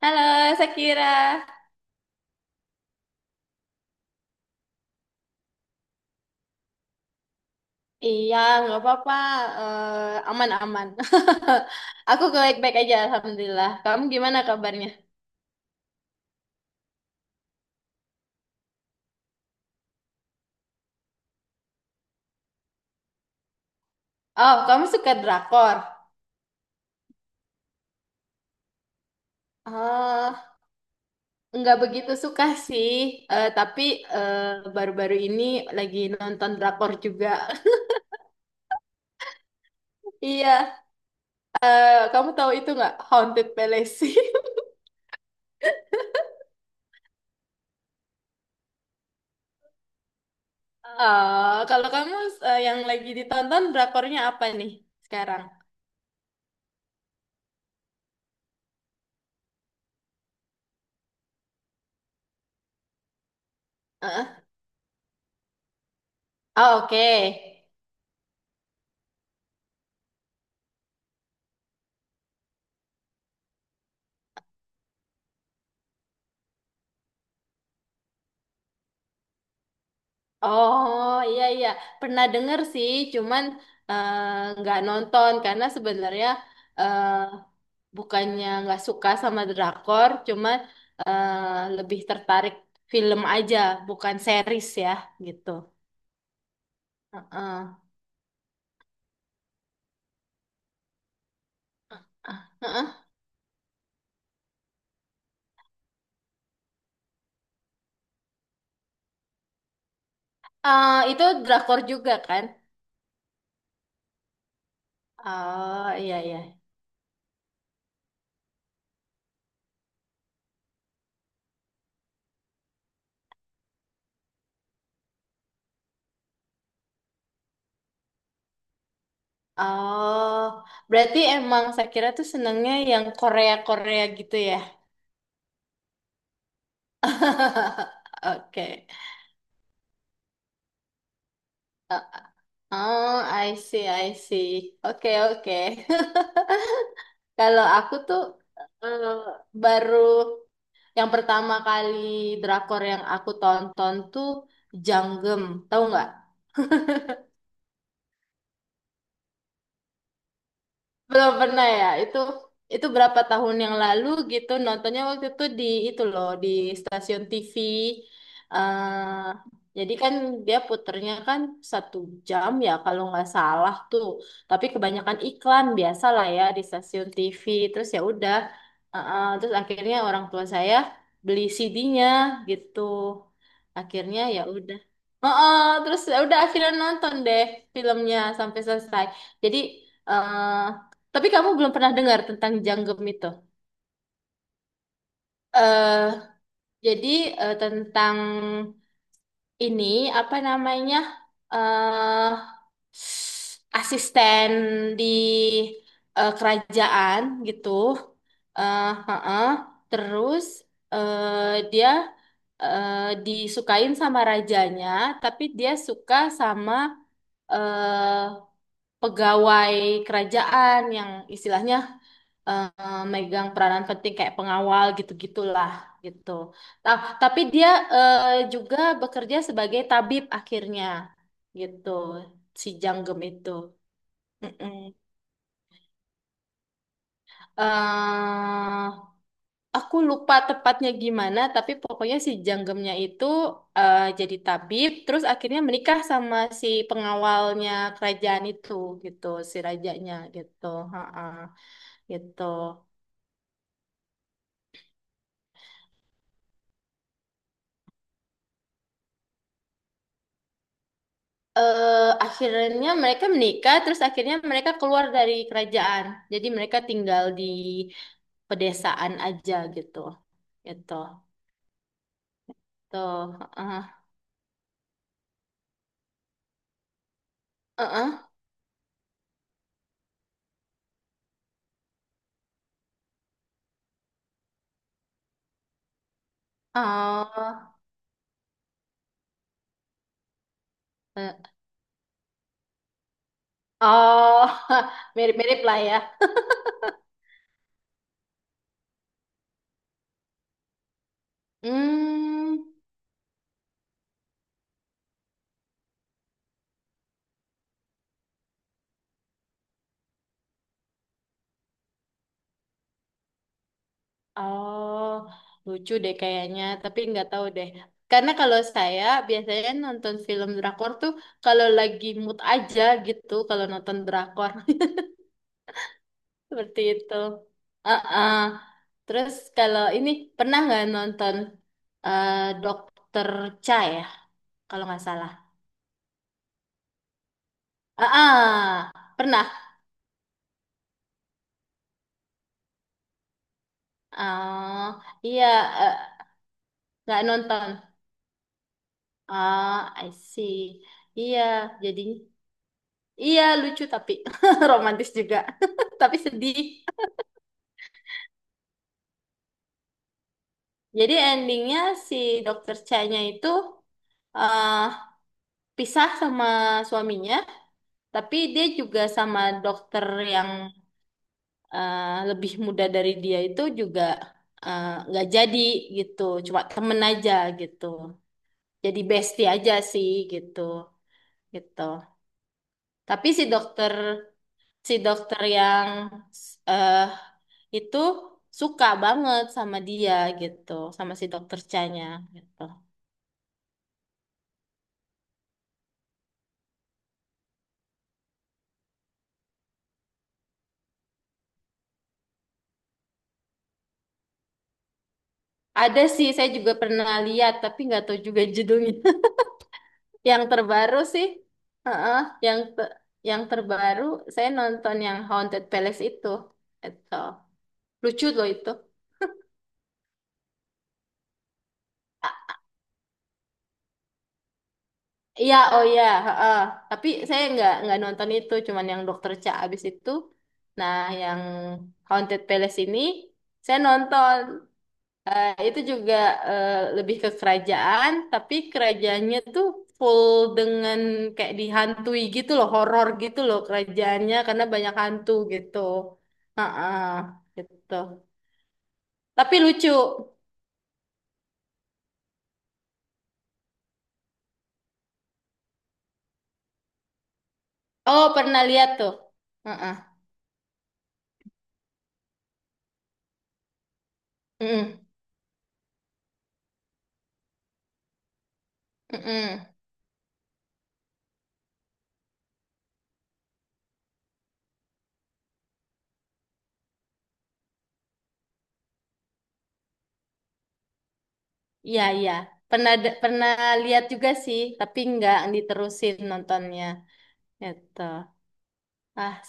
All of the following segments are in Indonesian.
Halo, Sakira. Iya, nggak apa-apa. Aman-aman. Aku baik-baik aja, Alhamdulillah. Kamu gimana kabarnya? Oh, kamu suka drakor? Eh, nggak begitu suka sih. Tapi eh, baru-baru ini lagi nonton drakor juga. Iya, kamu tahu itu nggak? Haunted Palace. Oh, kalau kamu, yang lagi ditonton drakornya apa nih sekarang? Eh, Oh, oke. Oh iya iya, pernah denger sih, cuman eh, nggak nonton karena sebenarnya eh, bukannya nggak suka sama drakor, cuman lebih tertarik film aja, bukan series ya, gitu. Heeh. Heeh. Eh, itu drakor juga kan? Oh iya iya. Oh, berarti emang Sakira tuh senengnya yang Korea Korea gitu ya? Oke. Oh, I see, I see. Oke, oke. Kalau aku tuh eh, baru yang pertama kali drakor yang aku tonton tuh Janggem, tahu nggak? Belum pernah ya. Itu, berapa tahun yang lalu gitu nontonnya, waktu itu di itu loh, di stasiun TV. eh jadi kan dia puternya kan satu jam ya kalau nggak salah tuh. Tapi kebanyakan iklan biasa lah ya di stasiun TV. Terus ya udah. Terus akhirnya orang tua saya beli CD-nya gitu. Akhirnya ya udah. Heeh, terus ya udah akhirnya nonton deh filmnya sampai selesai. Jadi eh, tapi kamu belum pernah dengar tentang Janggem itu. eh jadi tentang ini, apa namanya, eh asisten di kerajaan gitu. Heeh. Terus dia disukain sama rajanya, tapi dia suka sama eh pegawai kerajaan yang istilahnya megang peranan penting kayak pengawal gitu-gitulah gitu. Tapi dia juga bekerja sebagai tabib akhirnya, gitu, si Janggem itu. Mm-mm. eh aku lupa tepatnya gimana, tapi pokoknya si Janggemnya itu jadi tabib, terus akhirnya menikah sama si pengawalnya kerajaan itu, gitu, si rajanya, gitu, ha gitu. Akhirnya mereka menikah, terus akhirnya mereka keluar dari kerajaan. Jadi mereka tinggal di pedesaan aja gitu. Gitu. Tuh. Heeh. Heeh. Oh. Eh, Oh. Mirip-mirip lah ya. Hmm. Oh. Lucu deh kayaknya, tapi nggak tahu deh. Karena kalau saya biasanya nonton film drakor tuh kalau lagi mood aja gitu, kalau nonton drakor. Seperti itu. Heeh. Terus kalau ini pernah nggak nonton eh, Dokter Cha ya, kalau nggak salah. Ah, pernah. Oh, iya, eh, nggak nonton. Oh, I see. Iya, jadi iya lucu, tapi romantis juga, tapi sedih. Jadi endingnya si Dokter Cha-nya itu eh, pisah sama suaminya, tapi dia juga sama dokter yang eh, lebih muda dari dia itu juga nggak jadi, gitu, cuma temen aja gitu, jadi bestie aja sih gitu gitu. Tapi si dokter, si dokter yang eh itu suka banget sama dia gitu, sama si dokter Chanya gitu. Ada sih, saya juga pernah lihat tapi nggak tahu juga judulnya. Yang terbaru sih, heeh, yang te- yang terbaru saya nonton yang Haunted Palace itu lucu loh itu. Iya, oh iya, heeh. Tapi saya nggak nonton itu, cuman yang Dokter Cha abis itu. Nah, yang Haunted Palace ini saya nonton. Eh, itu juga eh, lebih ke kerajaan, tapi kerajaannya tuh full dengan kayak dihantui gitu loh, horor gitu loh kerajaannya, karena banyak hantu gitu. Heeh, gitu. Tapi lucu. Oh, pernah lihat tuh. Heeh. Mm-mm. Mm-mm. Iya, iya. Pernah lihat juga sih, tapi nggak diterusin nontonnya. Gitu. Ah,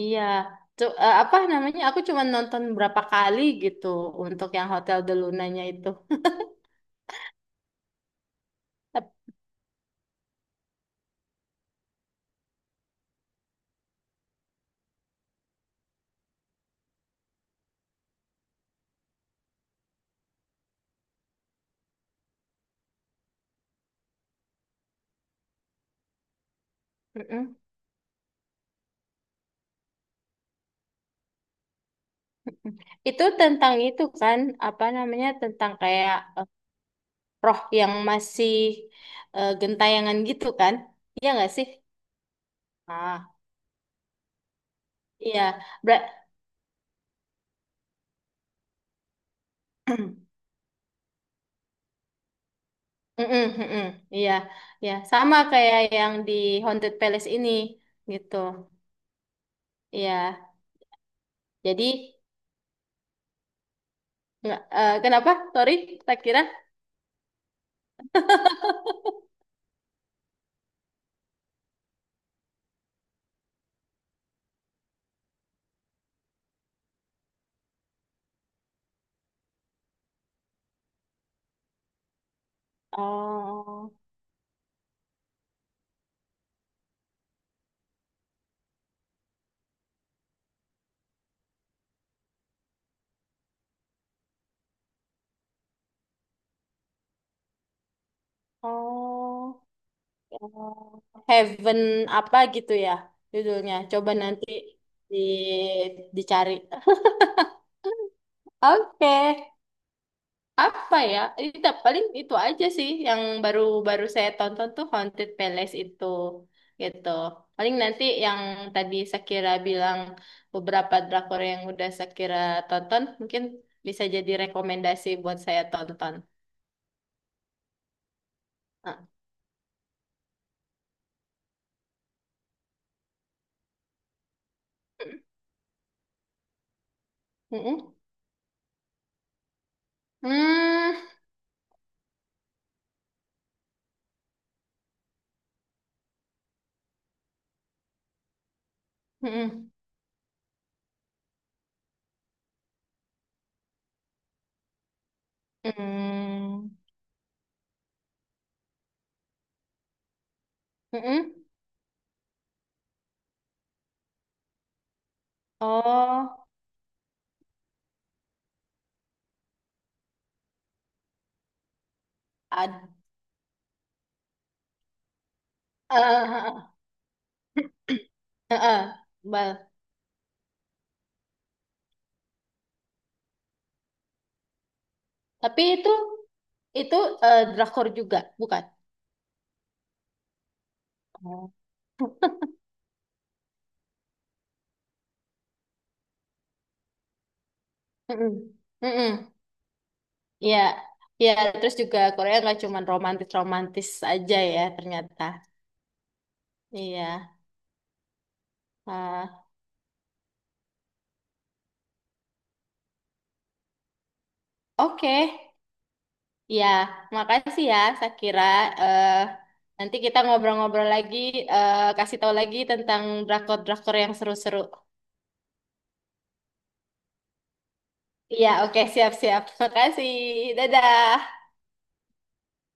Iya, apa namanya? Aku cuma nonton berapa kali gitu untuk yang Hotel de Lunanya itu. Tep- mm-mm. Itu tentang itu kan, apa namanya? Tentang kayak roh yang masih gentayangan gitu kan? Iya nggak sih? Ah, iya. Ber- Mm-mm, mm-mm. Iya, ya sama kayak yang di Haunted Palace ini gitu. Iya. Jadi kenapa? Sorry, tak kira. Oh. Oh, eh, Heaven apa gitu ya judulnya. Coba nanti di, dicari. Oke, apa ya? Itu paling itu aja sih yang baru-baru saya tonton tuh Haunted Palace itu gitu. Paling nanti yang tadi Shakira bilang beberapa drakor yang udah Shakira tonton mungkin bisa jadi rekomendasi buat saya tonton. Ah. Mm-mm. Hmm. Mm-mm. Hmm. Mm-mm. Oh, ad, eh, eh, eh, eh, Bal. Tapi itu drakor juga, bukan? Oh. Mm-mm. Mm-mm. Ya, ya. Terus juga Korea nggak cuma romantis-romantis aja ya ternyata. Iya. Ah, Oke. Ya, makasih ya Sakira. Eh, Nanti kita ngobrol-ngobrol lagi, kasih tahu lagi tentang drakor-drakor yang seru-seru. Iya, oke, siap-siap. Makasih. Dadah.